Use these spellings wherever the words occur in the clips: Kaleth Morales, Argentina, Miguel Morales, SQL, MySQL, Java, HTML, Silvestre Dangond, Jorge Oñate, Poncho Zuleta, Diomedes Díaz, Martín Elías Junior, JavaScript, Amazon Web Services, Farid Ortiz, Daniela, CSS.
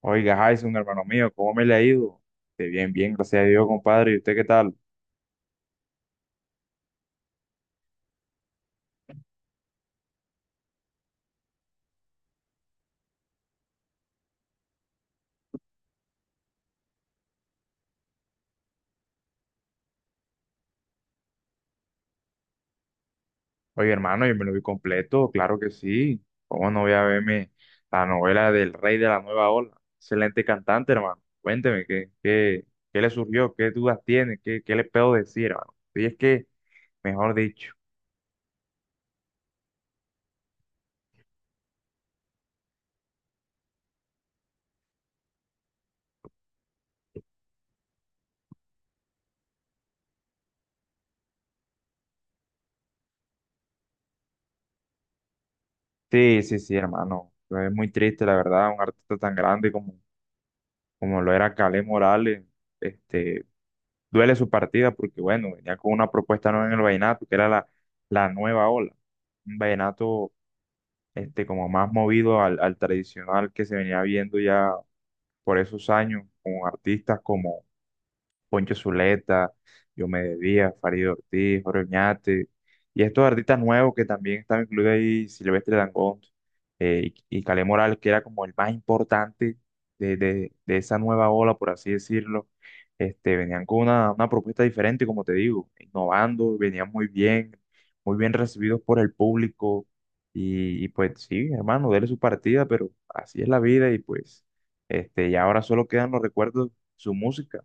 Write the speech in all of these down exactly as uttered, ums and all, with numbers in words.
Oiga, Jason, hermano mío, ¿cómo me le ha ido? De bien, bien, gracias a Dios, compadre. ¿Y usted qué tal? Oye, hermano, yo me lo vi completo, claro que sí. ¿Cómo no voy a verme la novela del Rey de la Nueva Ola? Excelente cantante, hermano. Cuénteme, ¿qué, qué, qué le surgió? ¿Qué dudas tiene? ¿Qué, qué le puedo decir, hermano? Y es que, mejor dicho. Sí, sí, sí, hermano. Es muy triste, la verdad, un artista tan grande como, como lo era Kaleth Morales. Este, Duele su partida porque, bueno, venía con una propuesta nueva en el vallenato, que era la, la nueva ola. Un vallenato este, como más movido al, al tradicional que se venía viendo ya por esos años, con artistas como Poncho Zuleta, Diomedes Díaz, Farid Ortiz, Jorge Oñate, y estos artistas nuevos que también estaban incluidos ahí, Silvestre Dangond eh, y, y Kaleth Morales, que era como el más importante de, de- de esa nueva ola, por así decirlo, este, venían con una, una propuesta diferente, como te digo, innovando, venían muy bien, muy bien recibidos por el público, y, y pues sí, hermano, dele su partida, pero así es la vida, y pues este, y ahora solo quedan los recuerdos, su música.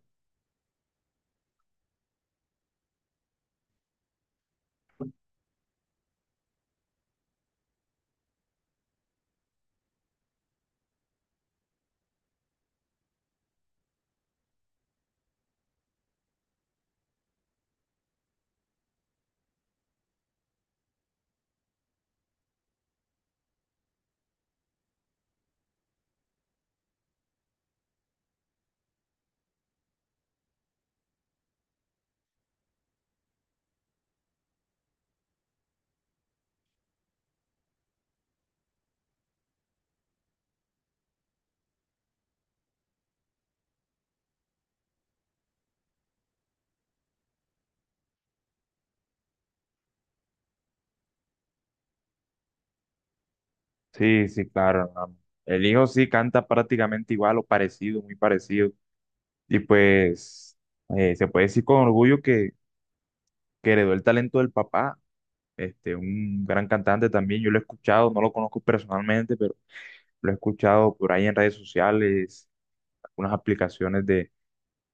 Sí, sí, claro. No. El hijo sí canta prácticamente igual o parecido, muy parecido. Y pues eh, se puede decir con orgullo que, que heredó el talento del papá, este, un gran cantante también. Yo lo he escuchado, no lo conozco personalmente, pero lo he escuchado por ahí en redes sociales, algunas aplicaciones de.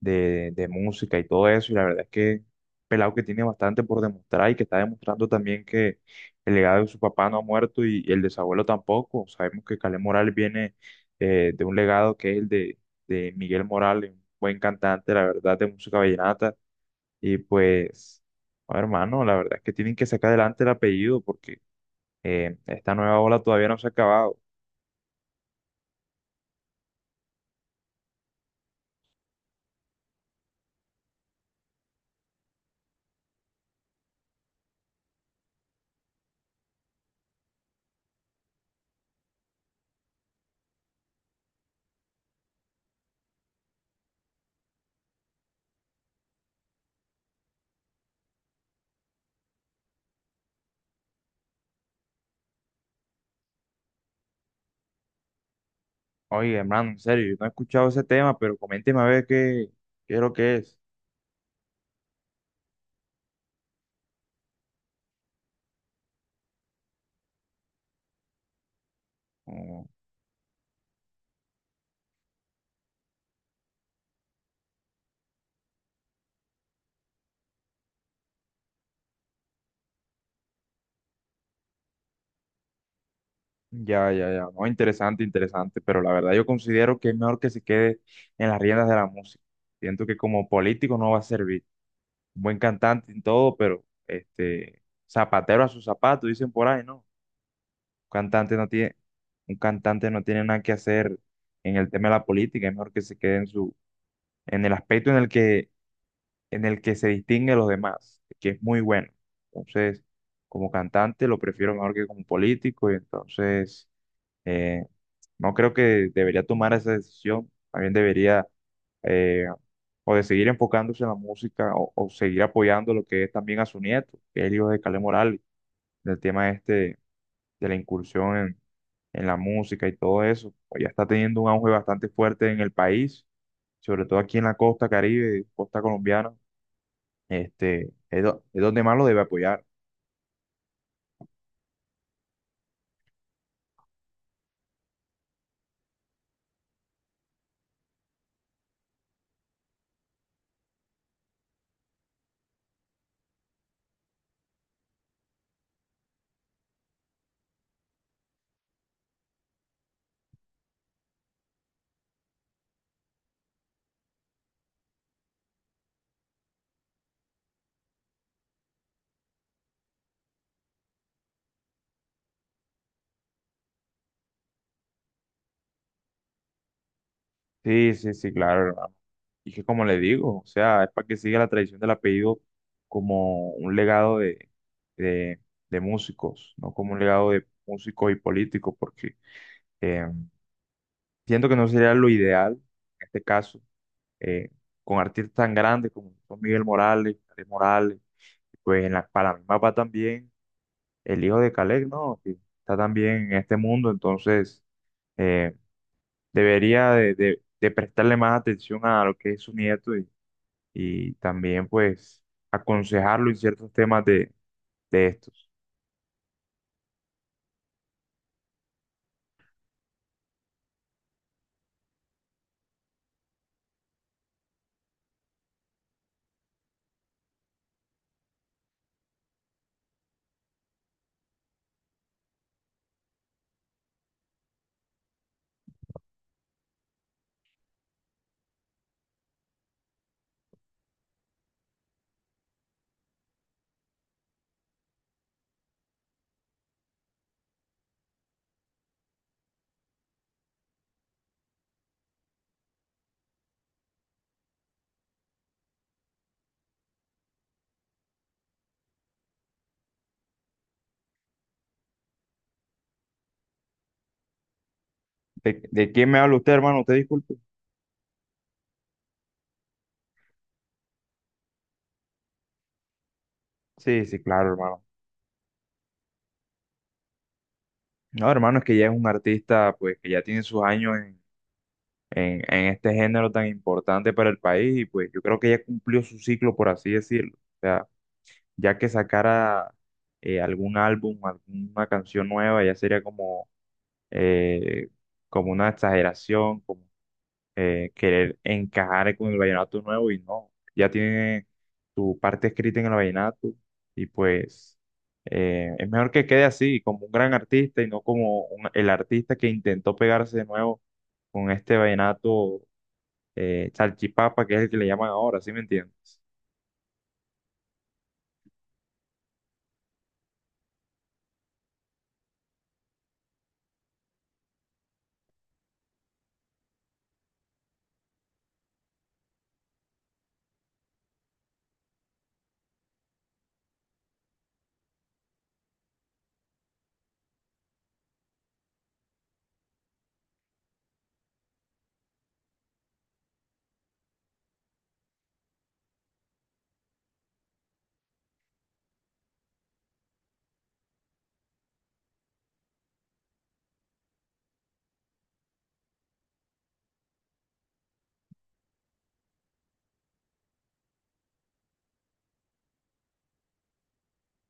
de, de música y todo eso. Y la verdad es que pelado que tiene bastante por demostrar y que está demostrando también que el legado de su papá no ha muerto y, y el de su abuelo tampoco. Sabemos que Kaleth Morales viene eh, de un legado que es el de, de Miguel Morales, un buen cantante, la verdad, de música vallenata. Y pues, no, hermano, la verdad es que tienen que sacar adelante el apellido porque eh, esta nueva ola todavía no se ha acabado. Oye, hermano, en serio, yo no he escuchado ese tema, pero coménteme a ver qué, qué es lo que es. Mm. Ya, ya, ya. No, interesante, interesante, pero la verdad yo considero que es mejor que se quede en las riendas de la música. Siento que como político no va a servir. Un buen cantante en todo, pero este zapatero a su zapato, dicen por ahí, ¿no? Un cantante no tiene, un cantante no tiene nada que hacer en el tema de la política, es mejor que se quede en su, en el aspecto en el que, en el que se distingue de los demás, que es muy bueno. Entonces, como cantante lo prefiero mejor que como político, y entonces eh, no creo que debería tomar esa decisión, también debería eh, o de seguir enfocándose en la música o, o seguir apoyando lo que es también a su nieto, que es el hijo de Calé Morales, del tema este de la incursión en, en la música y todo eso. Pues ya está teniendo un auge bastante fuerte en el país, sobre todo aquí en la costa Caribe, costa colombiana, este, es, do- es donde más lo debe apoyar. Sí, sí, sí, claro, hermano. Y que como le digo, o sea, es para que siga la tradición del apellido como un legado de, de, de músicos, no como un legado de músicos y políticos, porque eh, siento que no sería lo ideal, en este caso, eh, con artistas tan grandes como son Miguel Morales, Calais Morales, pues en la, para mí va también el hijo de Calais, ¿no? Que está también en este mundo, entonces... eh, debería de, de- de prestarle más atención a lo que es su nieto y, y también pues aconsejarlo en ciertos temas de, de estos. ¿De, de quién me habla usted, hermano? ¿Usted disculpe? Sí, sí, claro, hermano. No, hermano, es que ya es un artista pues que ya tiene sus años en, en, en este género tan importante para el país y pues yo creo que ya cumplió su ciclo, por así decirlo. O sea, ya que sacara eh, algún álbum, alguna canción nueva, ya sería como... eh, como una exageración, eh, querer encajar con el vallenato nuevo y no, ya tiene su parte escrita en el vallenato y pues eh, es mejor que quede así, como un gran artista y no como un- el artista que intentó pegarse de nuevo con este vallenato eh, salchipapa, que es el que le llaman ahora, ¿sí me entiendes?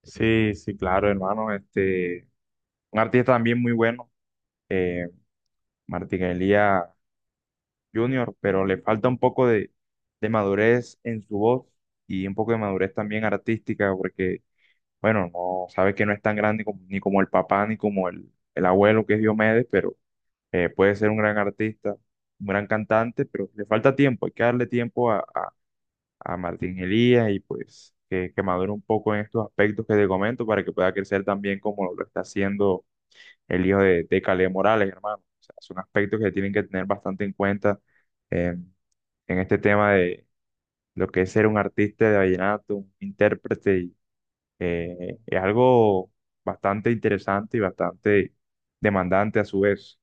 Sí, sí, claro, hermano, este, un artista también muy bueno, eh, Martín Elías Junior, pero le falta un poco de, de madurez en su voz y un poco de madurez también artística, porque, bueno, no sabe que no es tan grande como- ni como el papá ni como el, el abuelo que es Diomedes, pero eh, puede ser un gran artista, un gran cantante, pero le falta tiempo, hay que darle tiempo a, a, a Martín Elías y pues que, que madure un poco en estos aspectos que te comento para que pueda crecer también como lo está haciendo el hijo de, de Caleb Morales, hermano. O sea, son aspectos que tienen que tener bastante en cuenta eh, en este tema de lo que es ser un artista de vallenato, un intérprete. Y, eh, es algo bastante interesante y bastante demandante a su vez.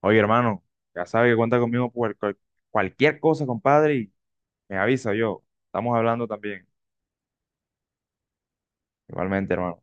Oye, hermano, ya sabe que cuenta conmigo por cual- cualquier cosa, compadre, y me avisa yo. Estamos hablando también. Igualmente, hermano.